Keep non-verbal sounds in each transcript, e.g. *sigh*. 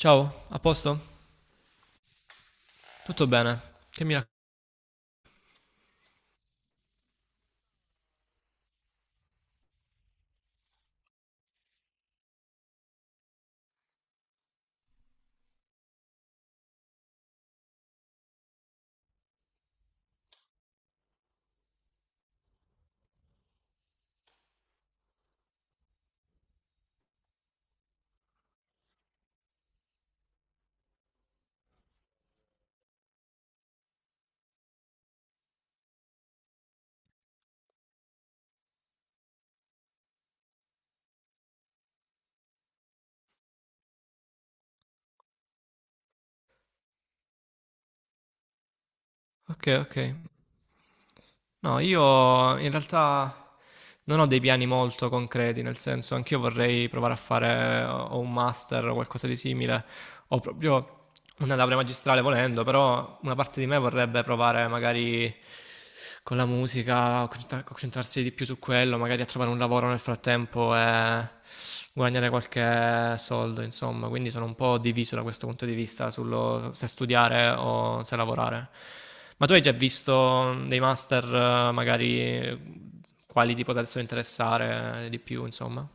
Ciao, a posto? Tutto bene? Che mi rac- Ok, ok. No, io in realtà non ho dei piani molto concreti, nel senso, anch'io vorrei provare a fare o un master o qualcosa di simile, ho proprio una laurea magistrale volendo, però una parte di me vorrebbe provare magari con la musica, a concentrarsi di più su quello, magari a trovare un lavoro nel frattempo e guadagnare qualche soldo, insomma, quindi sono un po' diviso da questo punto di vista sullo se studiare o se lavorare. Ma tu hai già visto dei master, magari quali ti potessero interessare di più, insomma?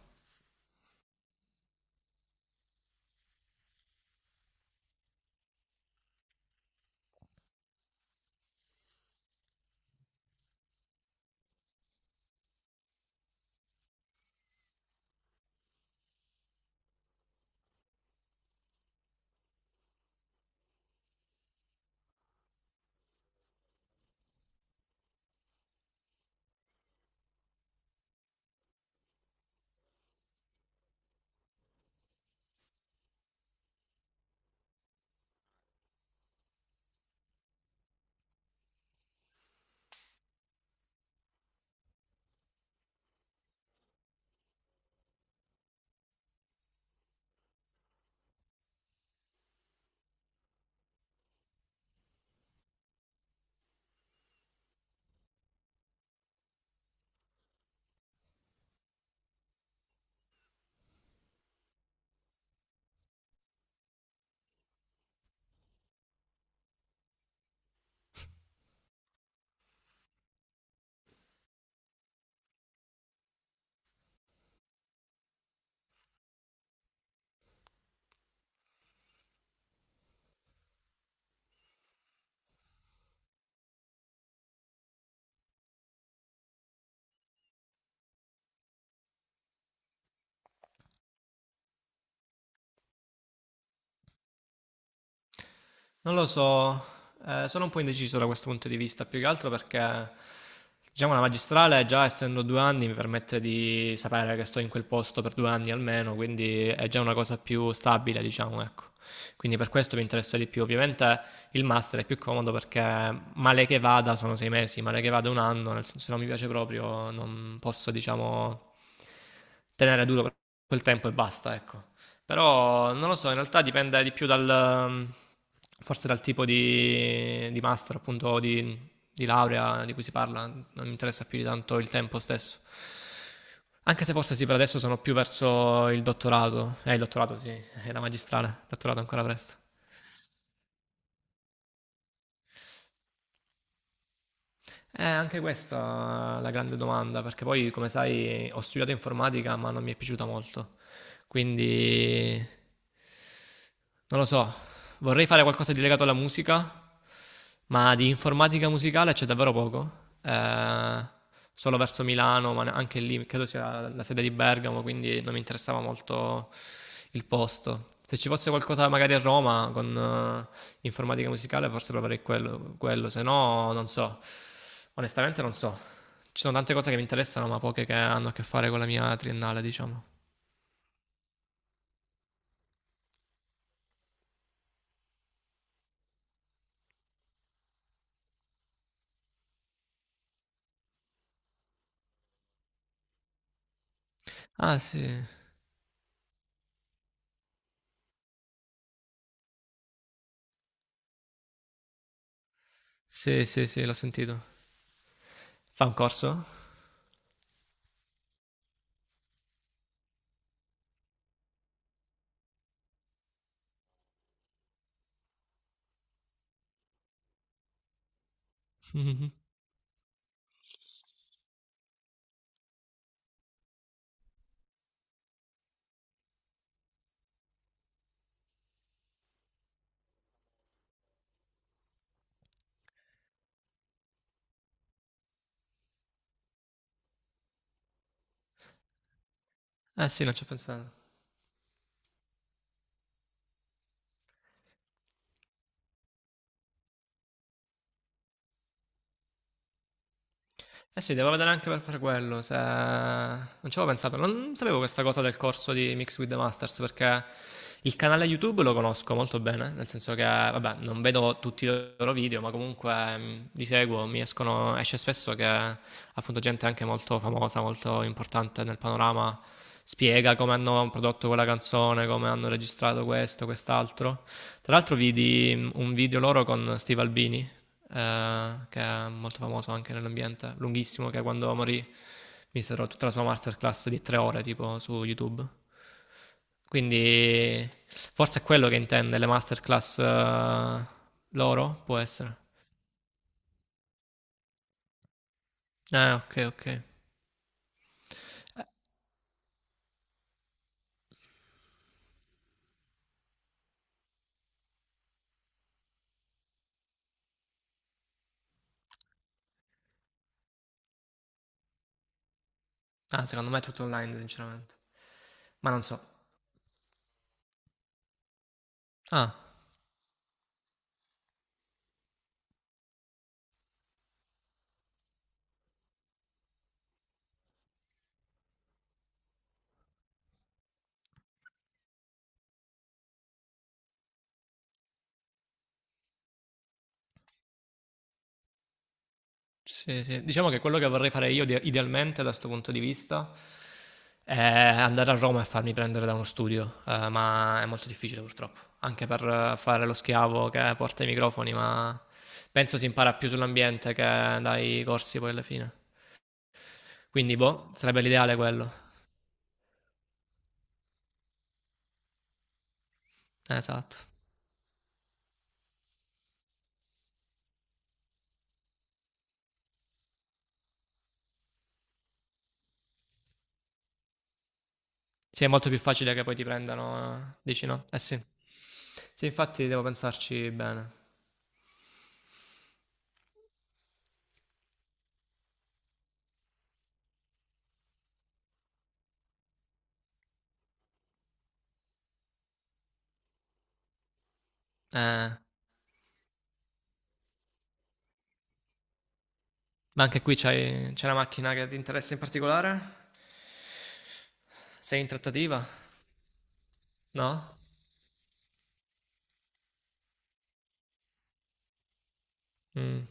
Non lo so, sono un po' indeciso da questo punto di vista, più che altro perché diciamo la magistrale, già essendo 2 anni, mi permette di sapere che sto in quel posto per 2 anni almeno, quindi è già una cosa più stabile, diciamo, ecco. Quindi per questo mi interessa di più. Ovviamente il master è più comodo perché male che vada sono 6 mesi, male che vada un anno, nel senso se non mi piace proprio non posso, diciamo, tenere duro per quel tempo e basta, ecco. Però non lo so, in realtà dipende di più dal, forse dal tipo di, master, appunto, di laurea di cui si parla. Non mi interessa più di tanto il tempo stesso. Anche se forse sì, per adesso sono più verso il dottorato. Il dottorato sì, è la magistrale, il dottorato ancora presto. Anche questa è la grande domanda, perché poi, come sai, ho studiato informatica, ma non mi è piaciuta molto. Quindi non lo so, vorrei fare qualcosa di legato alla musica, ma di informatica musicale c'è davvero poco. Solo verso Milano, ma anche lì credo sia la sede di Bergamo, quindi non mi interessava molto il posto. Se ci fosse qualcosa magari a Roma con informatica musicale, forse proverei quello, se no non so. Onestamente non so. Ci sono tante cose che mi interessano, ma poche che hanno a che fare con la mia triennale, diciamo. Ah, sì. Sì, sì, sì, l'ho sentito. Fa un corso? *laughs* Mhm. Eh sì, non ci ho pensato. Eh sì, devo vedere anche per fare quello, se non ci avevo pensato, non sapevo questa cosa del corso di Mix with the Masters perché il canale YouTube lo conosco molto bene, nel senso che, vabbè, non vedo tutti i loro video, ma comunque li seguo, mi escono, esce spesso che appunto gente anche molto famosa, molto importante nel panorama spiega come hanno prodotto quella canzone, come hanno registrato questo, quest'altro. Tra l'altro vidi un video loro con Steve Albini che è molto famoso anche nell'ambiente, lunghissimo, che quando morì misero tutta la sua masterclass di 3 ore tipo su YouTube. Quindi forse è quello che intende le masterclass loro, può essere. Ah, ok, ok. Ah, secondo me è tutto online, sinceramente. Ma non so. Ah, sì, sì. Diciamo che quello che vorrei fare io idealmente da questo punto di vista Eh, andare a Roma e farmi prendere da uno studio, ma è molto difficile purtroppo, anche per fare lo schiavo che porta i microfoni, ma penso si impara più sull'ambiente che dai corsi poi alla fine. Quindi, boh, sarebbe l'ideale quello. Esatto. Sì, è molto più facile che poi ti prendano, dici no? Eh sì. Sì, infatti devo pensarci bene. Eh, ma anche qui c'è una macchina che ti interessa in particolare? Sei in trattativa? No? Mm,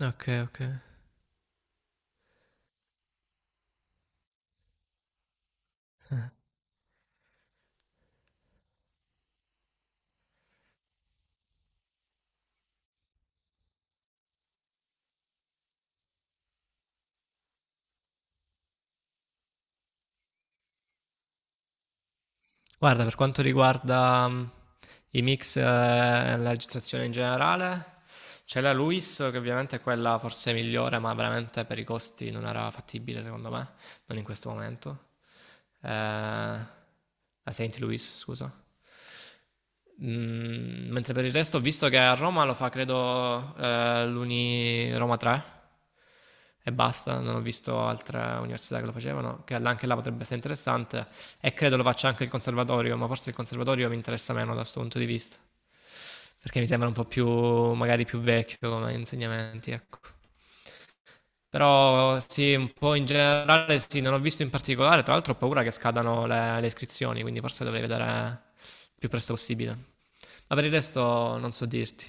Ok, ok. Guarda, per quanto riguarda i mix e la registrazione in generale, c'è la Luis che ovviamente è quella forse migliore, ma veramente per i costi non era fattibile secondo me, non in questo momento. La Saint Louis, scusa. Mentre per il resto ho visto che a Roma lo fa, credo, l'Uni Roma 3 e basta. Non ho visto altre università che lo facevano, che anche là potrebbe essere interessante. E credo lo faccia anche il conservatorio, ma forse il conservatorio mi interessa meno da questo punto di vista, perché mi sembra un po' più, magari più vecchio come insegnamenti, ecco. Però sì, un po' in generale sì, non ho visto in particolare, tra l'altro ho paura che scadano le iscrizioni, quindi forse dovrei vedere il più presto possibile. Ma per il resto non so dirti.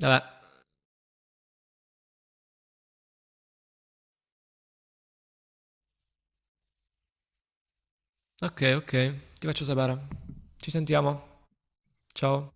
Vabbè. Ok, ok. Ti faccio sapere. Ci sentiamo. Ciao.